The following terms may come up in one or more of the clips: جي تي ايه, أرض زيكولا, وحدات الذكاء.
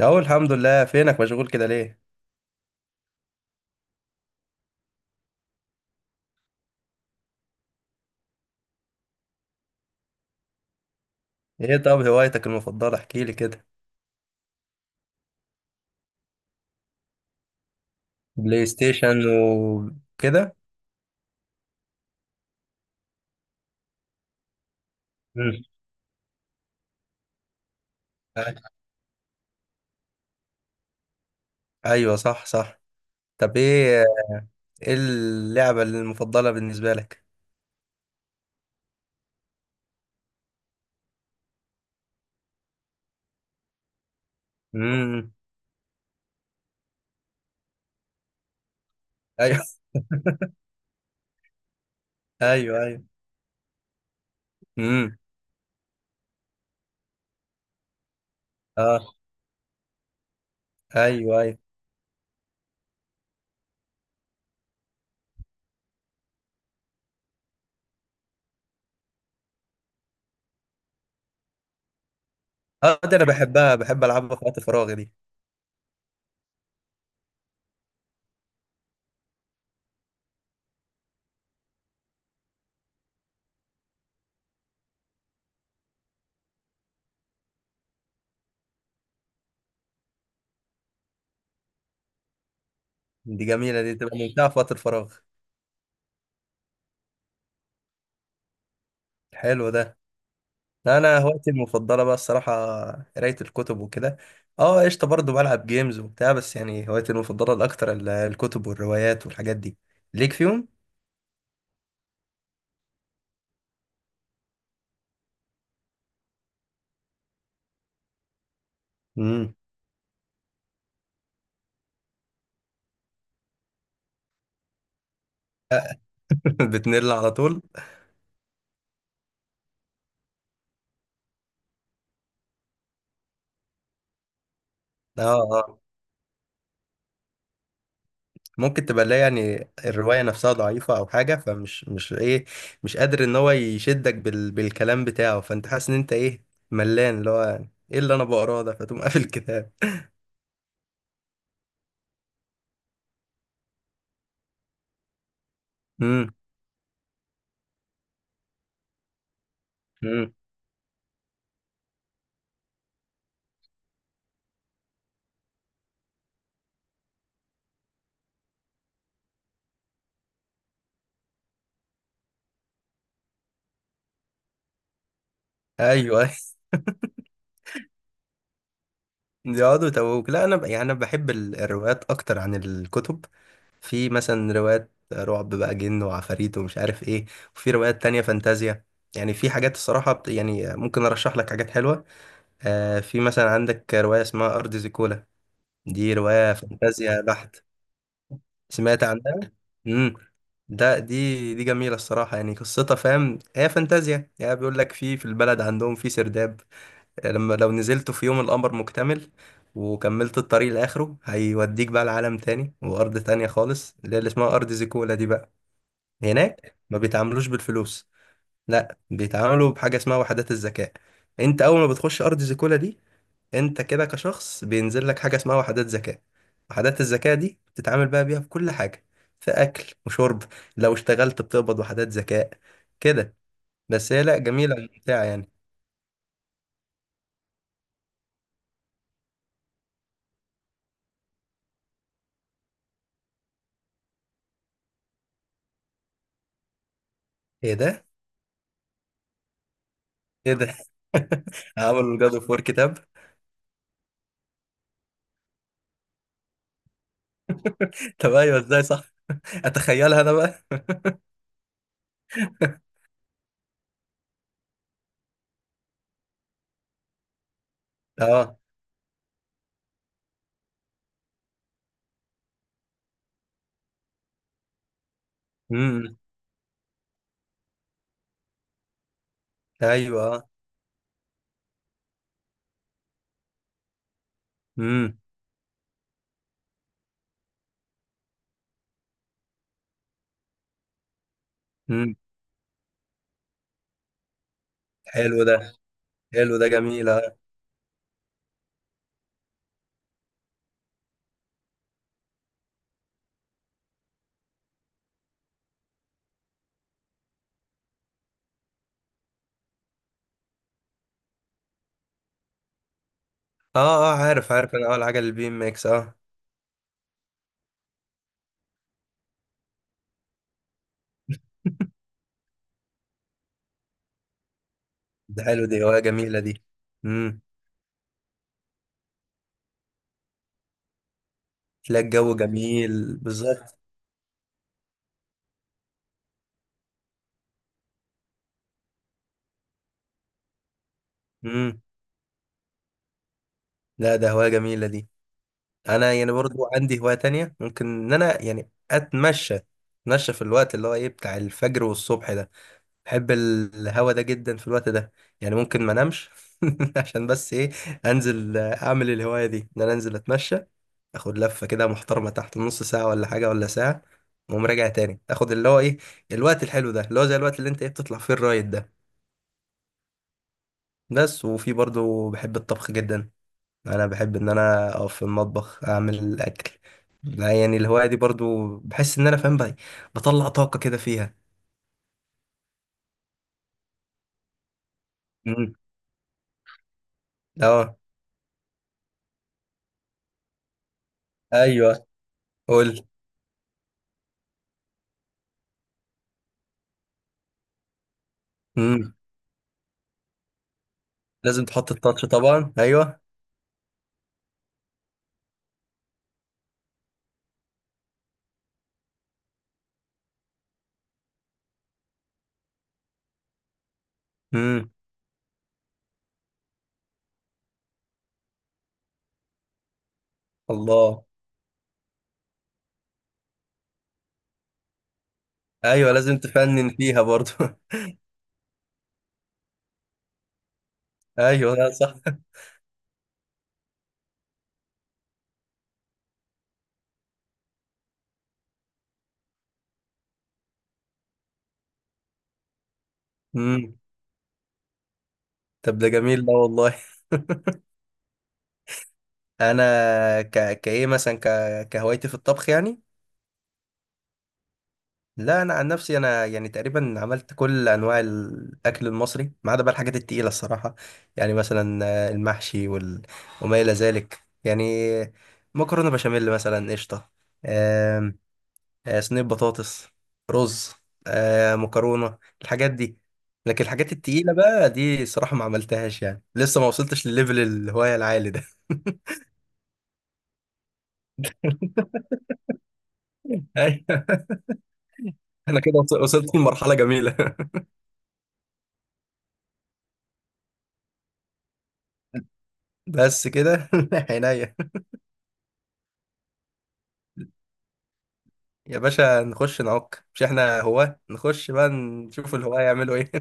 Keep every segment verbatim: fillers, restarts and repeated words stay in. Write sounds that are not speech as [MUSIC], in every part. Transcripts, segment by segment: اهو الحمد لله. فينك؟ مشغول كده ليه؟ ايه، طب هوايتك المفضله؟ احكي لي كده. بلاي ستيشن وكده؟ مم. ايوه، صح صح. طب ايه؟ ايه اللعبه المفضله بالنسبه لك؟ امم. ايوه. [LAUGHS] ايوه ايوه. امم. اه. ايوه ايوه. اه، دي انا بحبها، بحب العبها في وقت فراغي دي. دي جميله، دي تبقى ممتعه في وقت الفراغ. حلو ده. لا انا هوايتي المفضله بقى الصراحه، قرايه الكتب وكده. اه قشطه، برضه بلعب جيمز وبتاع، بس يعني هوايتي المفضله الاكتر ال- الكتب والروايات والحاجات دي ليك فيهم. امم. [LAUGHS] بتنل على طول. اه اه. ممكن تبقى لا، يعني الروايه نفسها ضعيفه او حاجه، فمش مش ايه، مش قادر ان هو يشدك بال بالكلام بتاعه، فانت حاسس ان انت ايه، ملان، اللي هو ايه اللي انا بقراه ده، فتقوم قافل الكتاب. امم امم. ايوه. [LAUGHS] يقعدوا يتوهوك. لا انا ب... يعني انا بحب ال- الروايات اكتر عن الكتب. في مثلا روايات رعب بقى، جن وعفاريت ومش عارف ايه. وفي روايات تانية فانتازيا. يعني في حاجات الصراحة بت... يعني ممكن ارشح لك حاجات حلوة. آه في مثلا عندك رواية اسمها ارض زيكولا. دي رواية فانتازيا بحت. سمعت عنها. امم. ده دي دي جميلة الصراحة، يعني قصتها، فاهم هي فانتازيا، يعني بيقول لك في في البلد عندهم في سرداب، لما لو نزلت في يوم القمر مكتمل وكملت الطريق لآخره، هيوديك بقى لعالم تاني وأرض تانية خالص، اللي هي اللي اسمها أرض زيكولا دي بقى. هناك ما بيتعاملوش بالفلوس، لا بيتعاملوا بحاجة اسمها وحدات الذكاء. انت أول ما بتخش أرض زيكولا دي، انت كده كشخص بينزل لك حاجة اسمها وحدات ذكاء. وحدات الذكاء دي بتتعامل بقى بيها في كل حاجة، في أكل وشرب، لو اشتغلت بتقبض وحدات ذكاء كده. بس هي لا، جميلة وممتعة يعني. ايه ده؟ ايه ده؟ [LAUGHS] عملوا الجاد اوف وور كتاب؟ طب ايوه، ازاي، صح. اتخيلها انا بقى. [LAUGHS] اه. امم. ايوه. امم امم. حلو ده. حلو ده، جميل. اه. اه آه، عارف عارف، انا اول حاجه البي ام اكس، اه. ده حلو، دي هوايه جميله دي. امم. تلاقي الجو جميل بالظبط. امم. لا ده هوايه جميله دي. انا يعني برضو عندي هوايه تانية، ممكن ان انا يعني اتمشى اتمشى في الوقت اللي هو ايه بتاع الفجر والصبح ده. بحب الهوا ده جدا في الوقت ده. يعني ممكن ما انامش [LAUGHS] عشان بس ايه، انزل اعمل الهواية دي، ان انا انزل اتمشى، اخد لفة كده محترمة، تحت نص ساعة ولا حاجة ولا ساعة، واقوم راجع تاني، اخد اللي هو ايه الوقت الحلو ده، اللي هو زي الوقت اللي انت ايه بتطلع فيه الرايد ده. بس وفي برضو بحب الطبخ جدا. انا بحب ان انا اقف في المطبخ اعمل الاكل، لا يعني الهواية دي برضو بحس ان انا فاهم بقى، بطلع طاقة كده فيها. مم. اه ايوه، قول. مم. لازم تحط التاتش طبعا، ايوه. امم. الله. ايوه، لازم تفنن فيها برضو. [LAUGHS] ايوه، لا صح. امم. طب ده جميل ده والله. انا ك... كايه مثلا ك... كهوايتي في الطبخ يعني. لا انا عن نفسي انا يعني تقريبا عملت كل انواع الاكل المصري، ما عدا بقى الحاجات التقيله الصراحه. يعني مثلا آه، المحشي وال... وما الى ذلك، يعني، مكرونه بشاميل مثلا، قشطه، آه، صينية بطاطس، رز، آه، مكرونة، الحاجات دي. لكن الحاجات التقيلة بقى دي صراحة ما عملتهاش، يعني لسه ما وصلتش لليفل الهواية العالي ده. [LAUGHS] أيوة. انا كده وص- وصلت لمرحلة جميلة. [LAUGHS] بس كده [LAUGHS] عينيا. يا باشا نخش نعك، مش احنا هواة؟ نخش بقى نشوف الهواة يعملوا ايه.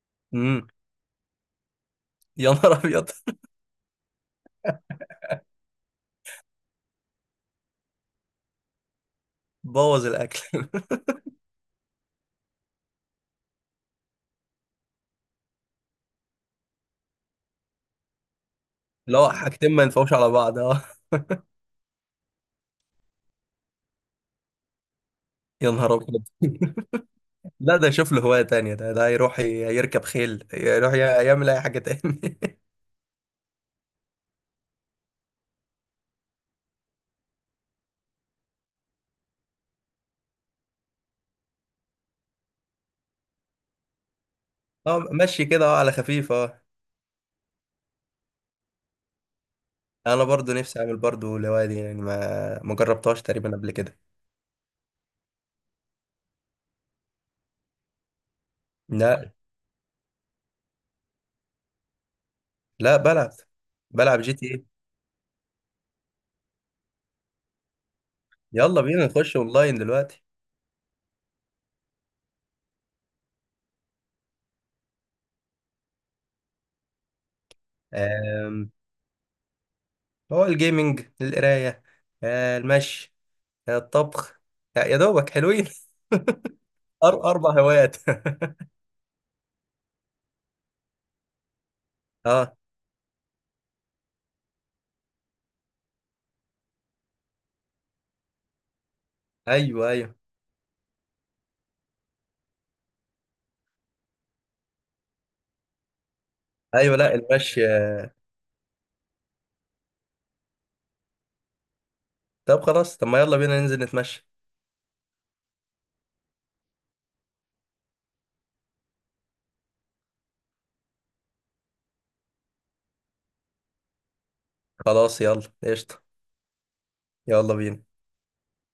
[LAUGHS] امم. يا نهار ابيض. بوظ الاكل. [LAUGHS] لا حاجتين ما ينفعوش على بعض، اه. يا نهار ابيض. لا ده يشوف له هواية تانية، ده ده يروح ي- يركب خيل، يروح ي- يعمل أي حاجة تاني. [LAUGHS] اه مشي كده، اه على خفيف، اه. أنا برضو نفسي أعمل برضو الهواية دي يعني، ما ما جربتهاش تقريبا قبل كده. لا لا، بلعب، بلعب جي تي ايه. يلا بينا نخش أونلاين دلوقتي. آم، هو الجيمنج، القراية، آه، المشي، آه، الطبخ، يا يا دوبك حلوين. [LAUGHS] أر- أربع هوايات. [LAUGHS] اه. أيوه أيوه. أيوه لا، المشي آه. طب خلاص، طب ما يلا بينا ننزل نتمشى. خلاص يلا قشطة. يلا بينا.